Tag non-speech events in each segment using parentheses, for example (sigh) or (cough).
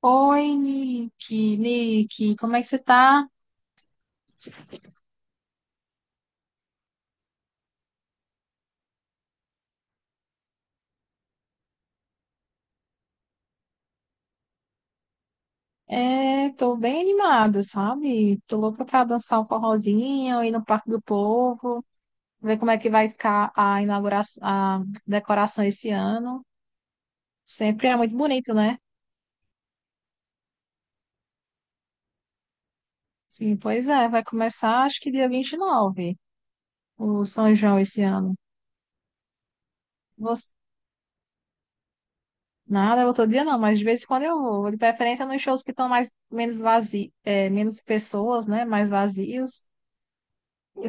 Oi, Nick, como é que você tá? É, tô bem animada, sabe? Tô louca pra dançar um forrozinho, ir no Parque do Povo, ver como é que vai ficar a inauguração, a decoração esse ano. Sempre é muito bonito, né? Sim, pois é, vai começar acho que dia 29, o São João esse ano. Você... Nada, outro dia não, mas de vez em quando eu vou. De preferência nos shows que estão mais menos vazios, menos pessoas, né? Mais vazios,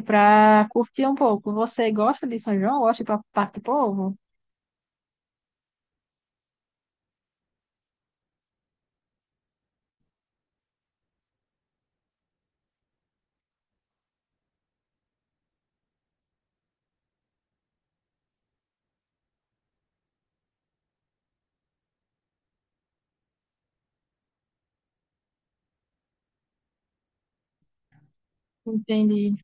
para curtir um pouco. Você gosta de São João? Gosta de ir para parte do povo? Entende.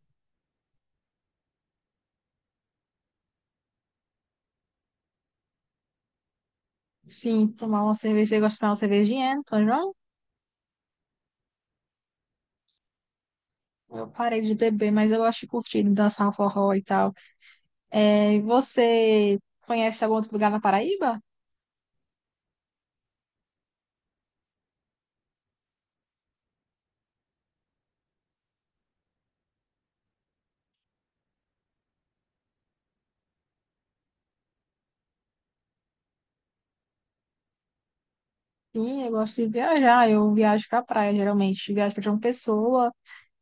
Sim, tomar uma cerveja. Eu gosto de tomar uma cervejinha, né, no São João. Eu parei de beber, mas eu gosto de curtir, de dançar um forró e tal. É, você conhece algum outro lugar na Paraíba? Sim, eu gosto de viajar. Eu viajo para praia, geralmente. Viajo para João Pessoa,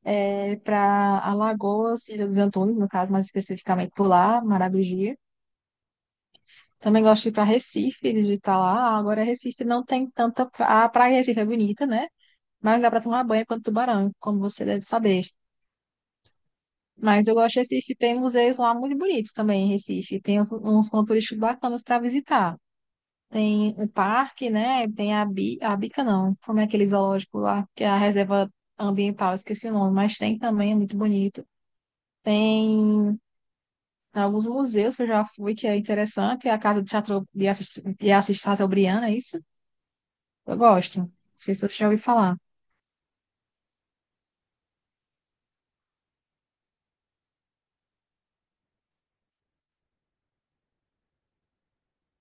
é, para Alagoas, Ilha dos Antunes, no caso, mais especificamente por lá, Maragogi. Também gosto de ir para Recife, visitar lá. Agora, Recife não tem tanta. A praia de Recife é bonita, né? Mas não dá para tomar banho quanto tubarão, como você deve saber. Mas eu gosto de Recife, tem museus lá muito bonitos também em Recife. Tem uns, pontos turísticos bacanas para visitar. Tem o parque, né? Tem a, Bi, a Bica, não. Como é aquele zoológico lá, que é a reserva ambiental, esqueci o nome. Mas tem também, é muito bonito. Tem alguns museus que eu já fui, que é interessante. É a Casa de Assis Chateaubriand, é isso? Eu gosto. Não sei se você já ouviu falar.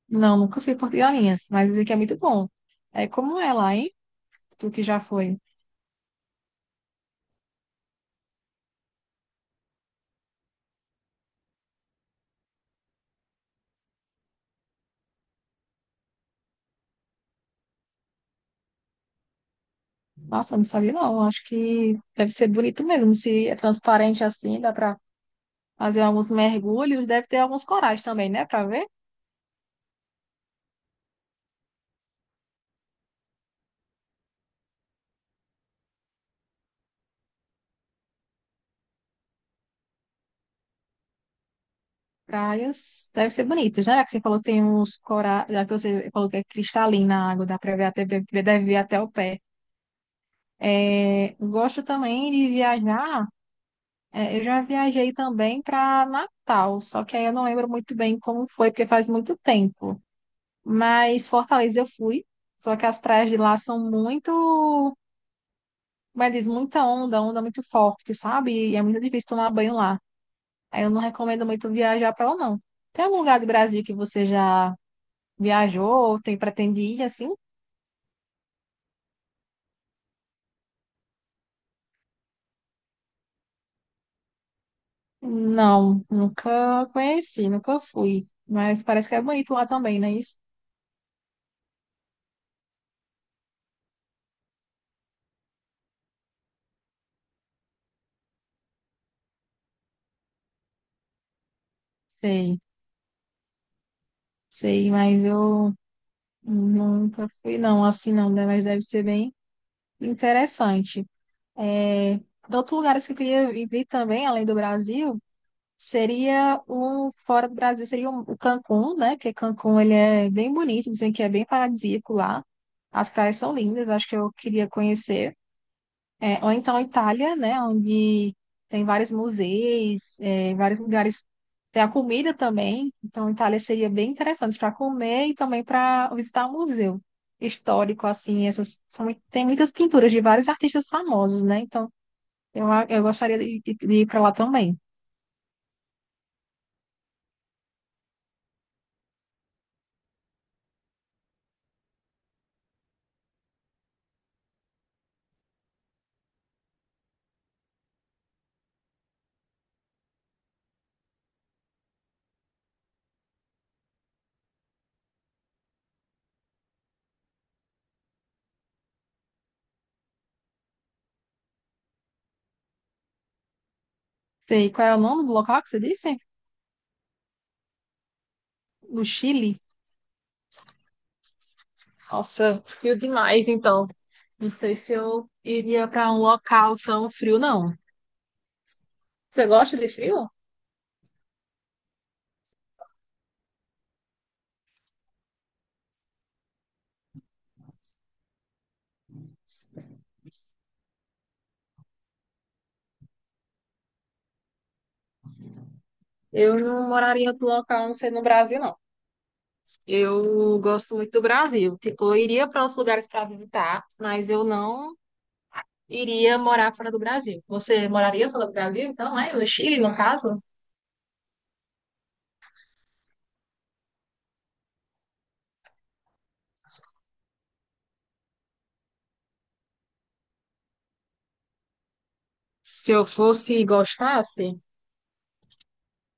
Não, nunca fui em Porto de Galinhas, mas dizem que é muito bom. É, como é lá, hein? Tu que já foi. Nossa, eu não sabia, não. Acho que deve ser bonito mesmo. Se é transparente assim, dá pra fazer alguns mergulhos. Deve ter alguns corais também, né? Pra ver. Praias deve ser bonitas, né? Já que você falou que tem uns corais. Já que você falou que é cristalina a água, dá pra ver até, deve ver até o pé. É, eu gosto também de viajar. É, eu já viajei também para Natal, só que aí eu não lembro muito bem como foi, porque faz muito tempo. Mas Fortaleza eu fui, só que as praias de lá são muito, como é que diz, muita onda, onda muito forte, sabe? E é muito difícil tomar banho lá. Aí eu não recomendo muito viajar para lá, não. Tem algum lugar do Brasil que você já viajou ou tem pretende ir assim? Não, nunca conheci, nunca fui. Mas parece que é bonito lá também, não é isso? Sei, sei, mas eu... Nunca fui, não, assim não, né? Mas deve ser bem interessante. É, outro lugar assim que eu queria viver também, além do Brasil, seria o fora do Brasil, seria o Cancún, né? Porque Cancún ele é bem bonito, dizem que é bem paradisíaco lá. As praias são lindas, acho que eu queria conhecer. É, ou então Itália, né, onde tem vários museus, é, vários lugares, tem a comida também, então Itália seria bem interessante para comer e também para visitar um museu histórico, assim, essas são, tem muitas pinturas de vários artistas famosos, né, então eu gostaria de ir para lá também. Sei, qual é o nome do local que você disse? No Chile? Nossa, frio demais, então. Não sei se eu iria para um local tão frio, não. Você gosta de frio? Eu não moraria em outro local, a não ser no Brasil, não. Eu gosto muito do Brasil. Tipo, eu iria para outros lugares para visitar, mas eu não iria morar fora do Brasil. Você moraria fora do Brasil, então, né? No Chile, no caso? Se eu fosse e gostasse?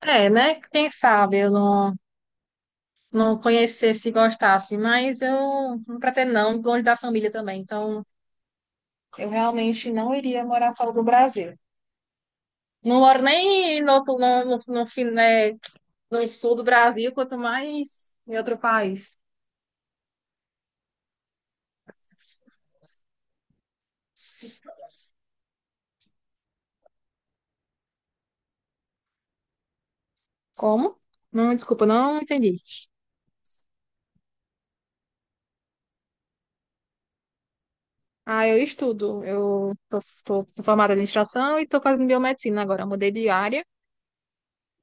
É, né? Quem sabe eu não, não conhecesse e gostasse, mas eu não pretendo, não, longe da família também. Então, eu realmente não iria morar fora do Brasil. Não moro nem no outro, no fim, né? No sul do Brasil, quanto mais em outro país. Como? Não, desculpa, não entendi. Ah, eu estudo. Eu tô, tô formada em administração e tô fazendo biomedicina agora. Eu mudei de área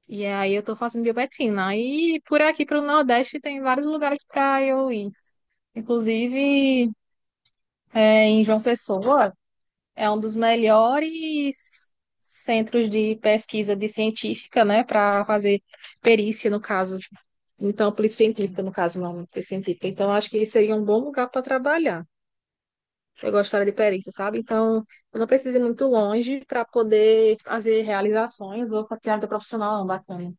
e aí eu tô fazendo biomedicina. E por aqui, pro Nordeste, tem vários lugares para eu ir. Inclusive, é, em João Pessoa, é um dos melhores centros de pesquisa de científica, né, para fazer perícia, no caso. Tipo, então, polícia científica, no caso, não, polícia científica. Então, acho que seria um bom lugar para trabalhar. Eu gostaria de perícia, sabe? Então, eu não preciso ir muito longe para poder fazer realizações ou ter área profissional não, bacana.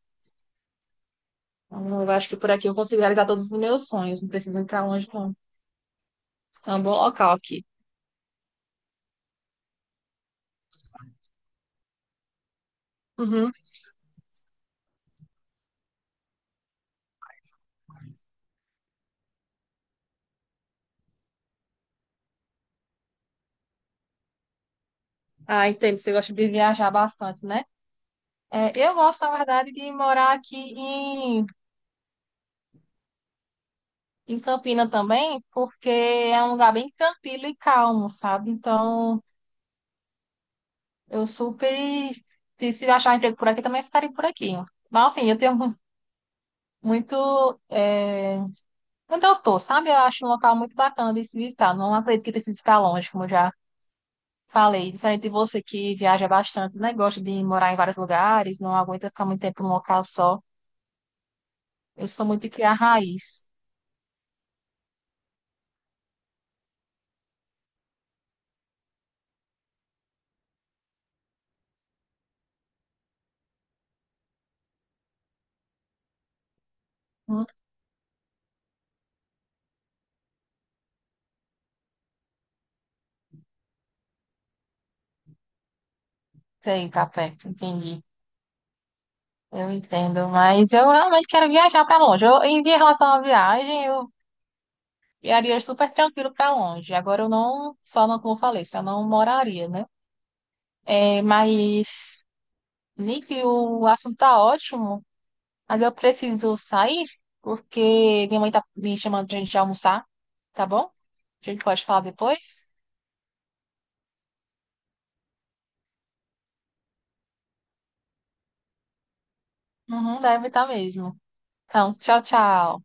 Então, eu acho que por aqui eu consigo realizar todos os meus sonhos, não preciso ir para longe, não. É um bom local aqui. Uhum. Ah, entendo, você gosta de viajar bastante, né? É, eu gosto, na verdade, de morar aqui em, em Campina também, porque é um lugar bem tranquilo e calmo, sabe? Então, eu super. Se achar emprego por aqui, também ficaria por aqui. Mas, assim, eu tenho (laughs) muito. É, onde eu tô, sabe? Eu acho um local muito bacana de se visitar. Não acredito que precise ficar longe, como eu já falei. Diferente de você que viaja bastante, né? Gosta de morar em vários lugares, não aguenta ficar muito tempo num local só. Eu sou muito de criar raiz. Não sei, ir pra perto, entendi. Eu entendo, mas eu realmente quero viajar para longe. Eu, em relação à viagem, eu viajaria super tranquilo para longe. Agora eu não, só não, como eu falei, só não moraria, né? É, mas, Nick, o assunto tá ótimo, mas eu preciso sair porque minha mãe tá me chamando pra gente almoçar, tá bom? A gente pode falar depois? Uhum, deve estar mesmo. Então, tchau, tchau.